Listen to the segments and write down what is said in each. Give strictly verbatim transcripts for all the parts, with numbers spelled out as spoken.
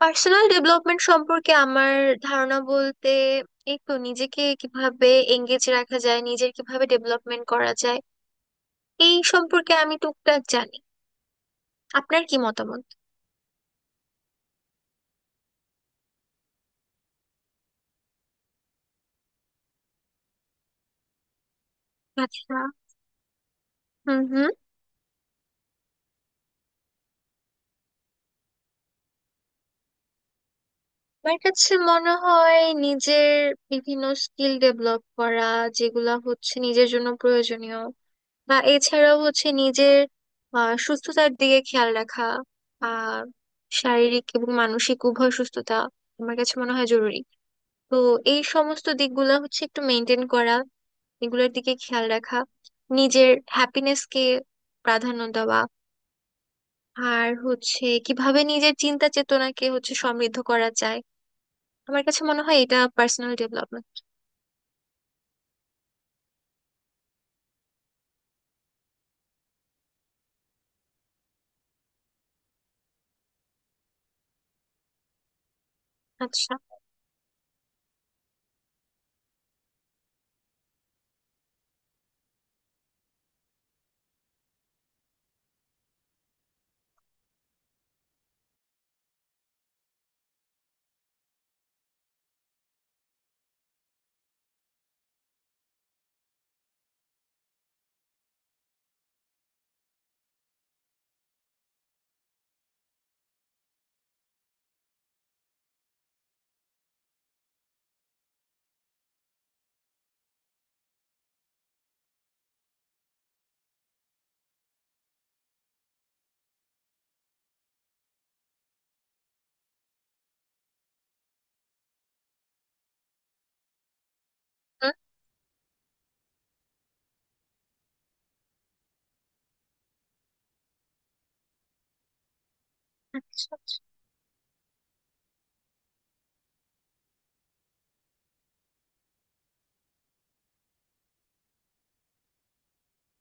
Personal development সম্পর্কে আমার ধারণা বলতে এই তো নিজেকে কিভাবে এঙ্গেজ রাখা যায় নিজের কিভাবে ডেভেলপমেন্ট করা যায় এই সম্পর্কে আমি টুকটাক জানি। আপনার কি মতামত? আচ্ছা। হুম হুম। আমার কাছে মনে হয় নিজের বিভিন্ন স্কিল ডেভেলপ করা যেগুলা হচ্ছে নিজের জন্য প্রয়োজনীয় বা এছাড়াও হচ্ছে নিজের আহ, সুস্থতার দিকে খেয়াল রাখা আর শারীরিক এবং মানসিক উভয় সুস্থতা আমার কাছে মনে হয় জরুরি। তো এই সমস্ত দিকগুলো হচ্ছে একটু মেনটেন করা, এগুলোর দিকে খেয়াল রাখা, নিজের হ্যাপিনেসকে প্রাধান্য দেওয়া, আর হচ্ছে কিভাবে নিজের চিন্তা চেতনাকে হচ্ছে সমৃদ্ধ করা যায়। আমার কাছে মনে হয় এটা পার্সোনাল ডেভেলপমেন্ট। আচ্ছা। হুম, আচ্ছা।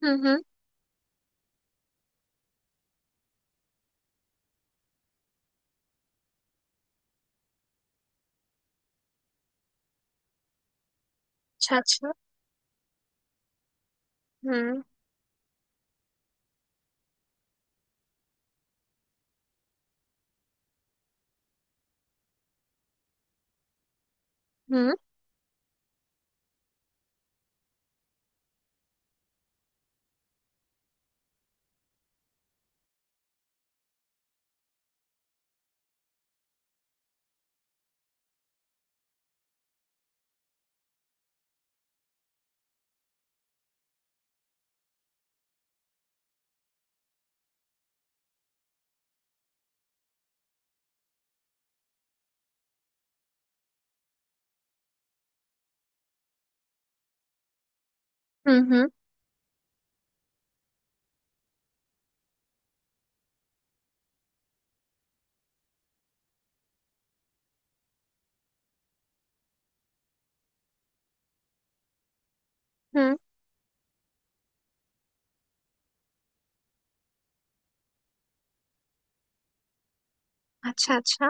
হুম হুম। আচ্ছা আচ্ছা। হুম হুম। হুম হুম। হুম। আচ্ছা আচ্ছা।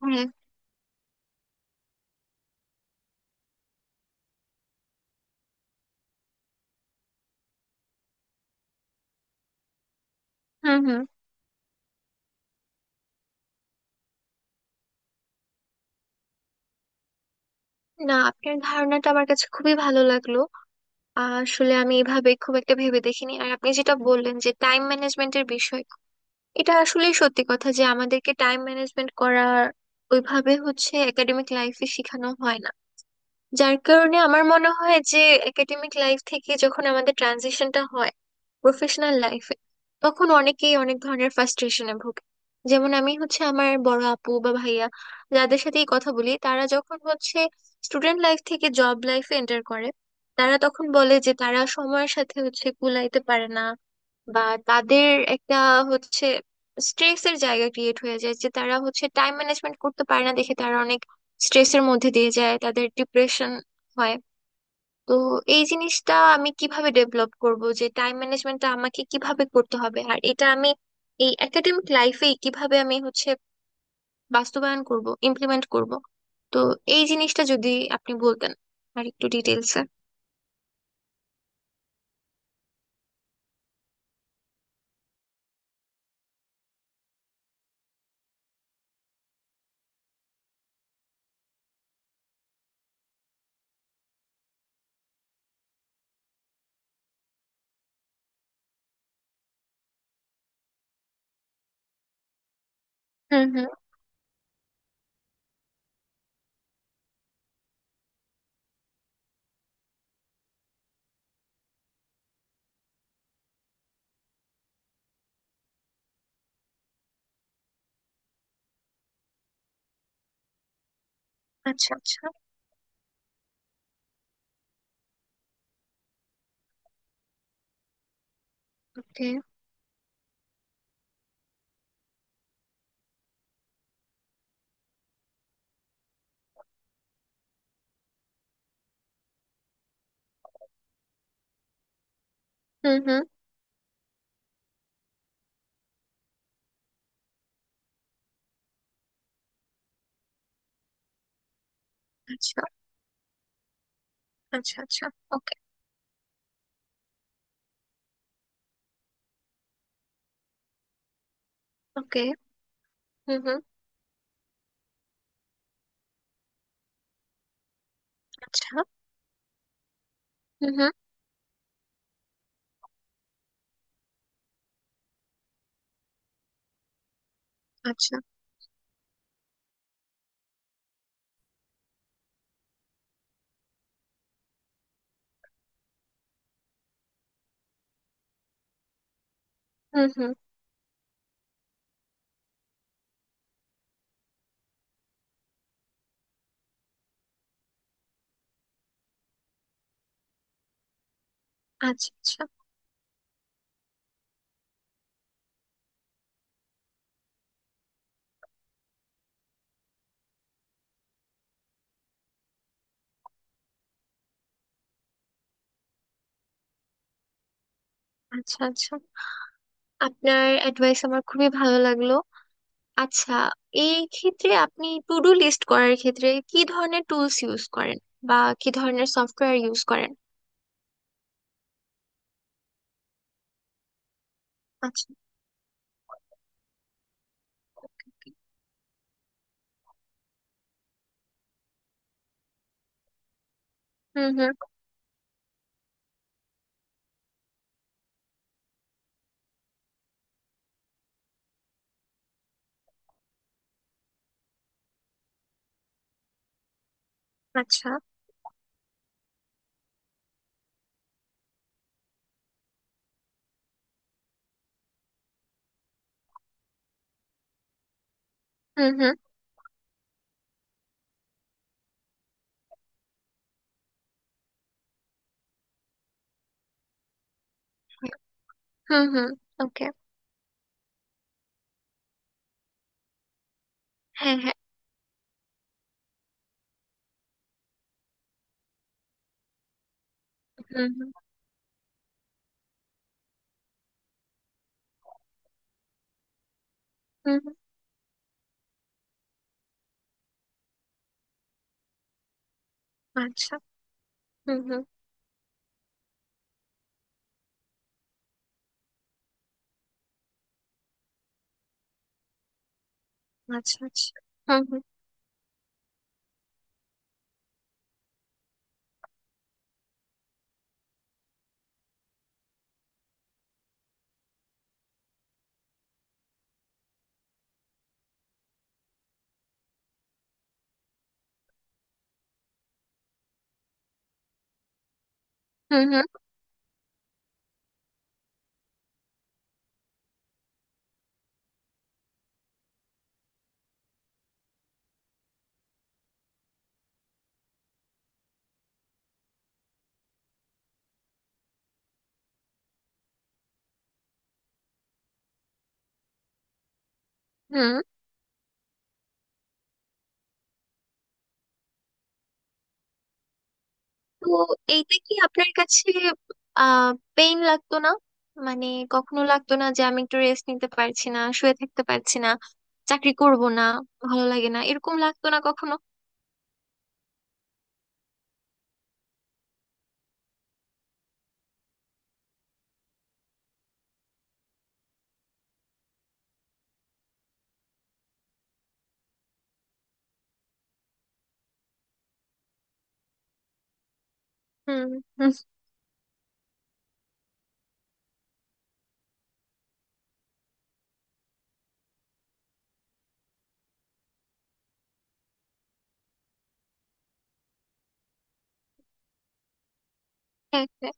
হ্যাঁ। হুম হুম। না, আপনার ধারণাটা আমার কাছে খুবই ভালো লাগলো। আসলে আমি এভাবে খুব একটা ভেবে দেখিনি। আর আপনি যেটা বললেন যে টাইম ম্যানেজমেন্টের বিষয়, এটা আসলে সত্যি কথা যে আমাদেরকে টাইম ম্যানেজমেন্ট করার ওইভাবে হচ্ছে একাডেমিক লাইফে শেখানো হয় না। যার কারণে আমার মনে হয় যে একাডেমিক লাইফ থেকে যখন আমাদের ট্রানজিশনটা হয় প্রফেশনাল লাইফে, তখন অনেকেই অনেক ধরনের ফ্রাস্ট্রেশনে ভোগে। যেমন আমি হচ্ছে আমার বড় আপু বা ভাইয়া, যাদের সাথেই কথা বলি, তারা যখন হচ্ছে স্টুডেন্ট লাইফ থেকে জব লাইফে এন্টার করে, তারা তখন বলে যে তারা সময়ের সাথে হচ্ছে কুলাইতে পারে না, বা তাদের একটা হচ্ছে স্ট্রেসের জায়গা ক্রিয়েট হয়ে যায় যে তারা হচ্ছে টাইম ম্যানেজমেন্ট করতে পারে না দেখে তারা অনেক স্ট্রেসের মধ্যে দিয়ে যায়, তাদের ডিপ্রেশন হয়। তো এই জিনিসটা আমি কিভাবে ডেভেলপ করব, যে টাইম ম্যানেজমেন্টটা আমাকে কিভাবে করতে হবে, আর এটা আমি এই একাডেমিক লাইফেই কিভাবে আমি হচ্ছে বাস্তবায়ন করব, ইমপ্লিমেন্ট করব। তো এই জিনিসটা যদি আপনি বলতেন আর একটু ডিটেলসে। হুম হুম। আচ্ছা আচ্ছা। ওকে। হুম হুম। আচ্ছা আচ্ছা। আচ্ছা। ওকে। ওকে। হুম হুম। আচ্ছা। হুম হুম। আচ্ছা। হুম হুম। আচ্ছা আচ্ছা। আচ্ছা। আচ্ছা। আপনার অ্যাডভাইস আমার খুবই ভালো লাগলো। আচ্ছা, এই ক্ষেত্রে আপনি টু ডু লিস্ট করার ক্ষেত্রে কি ধরনের টুলস ইউজ করেন, বা কি ধরনের সফটওয়্যার ইউজ করেন? আচ্ছা। হুম হুম। আচ্ছা। হুম হুম। হুম হুম। ওকে। হ্যাঁ হ্যাঁ। হুম হুম। হুম হুম। আচ্ছা। হুম হুম। আচ্ছা আচ্ছা। হুম হুম। হুম হুম। হুম। তো এইটা কি আপনার কাছে আহ পেইন লাগতো না? মানে কখনো লাগতো না যে আমি একটু রেস্ট নিতে পারছি না, শুয়ে থাকতে পারছি না, চাকরি করব না, ভালো লাগে না, এরকম লাগতো না কখনো? হুম। হুম, হ্যাঁ হ্যাঁ।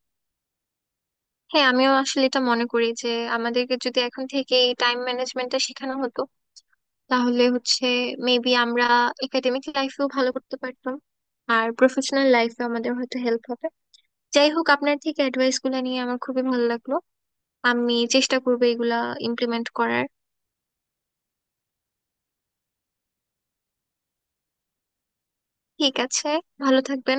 হ্যাঁ, আমিও আসলে এটা মনে করি যে আমাদেরকে যদি এখন থেকে এই টাইম ম্যানেজমেন্টটা শেখানো হতো, তাহলে হচ্ছে মেবি আমরা একাডেমিক লাইফেও ভালো করতে পারতাম, আর প্রফেশনাল লাইফে আমাদের হয়তো হেল্প হবে। যাই হোক, আপনার থেকে অ্যাডভাইস গুলো নিয়ে আমার খুবই ভালো লাগলো। আমি চেষ্টা করবো এগুলা ইমপ্লিমেন্ট করার। ঠিক আছে। ভালো থাকবেন।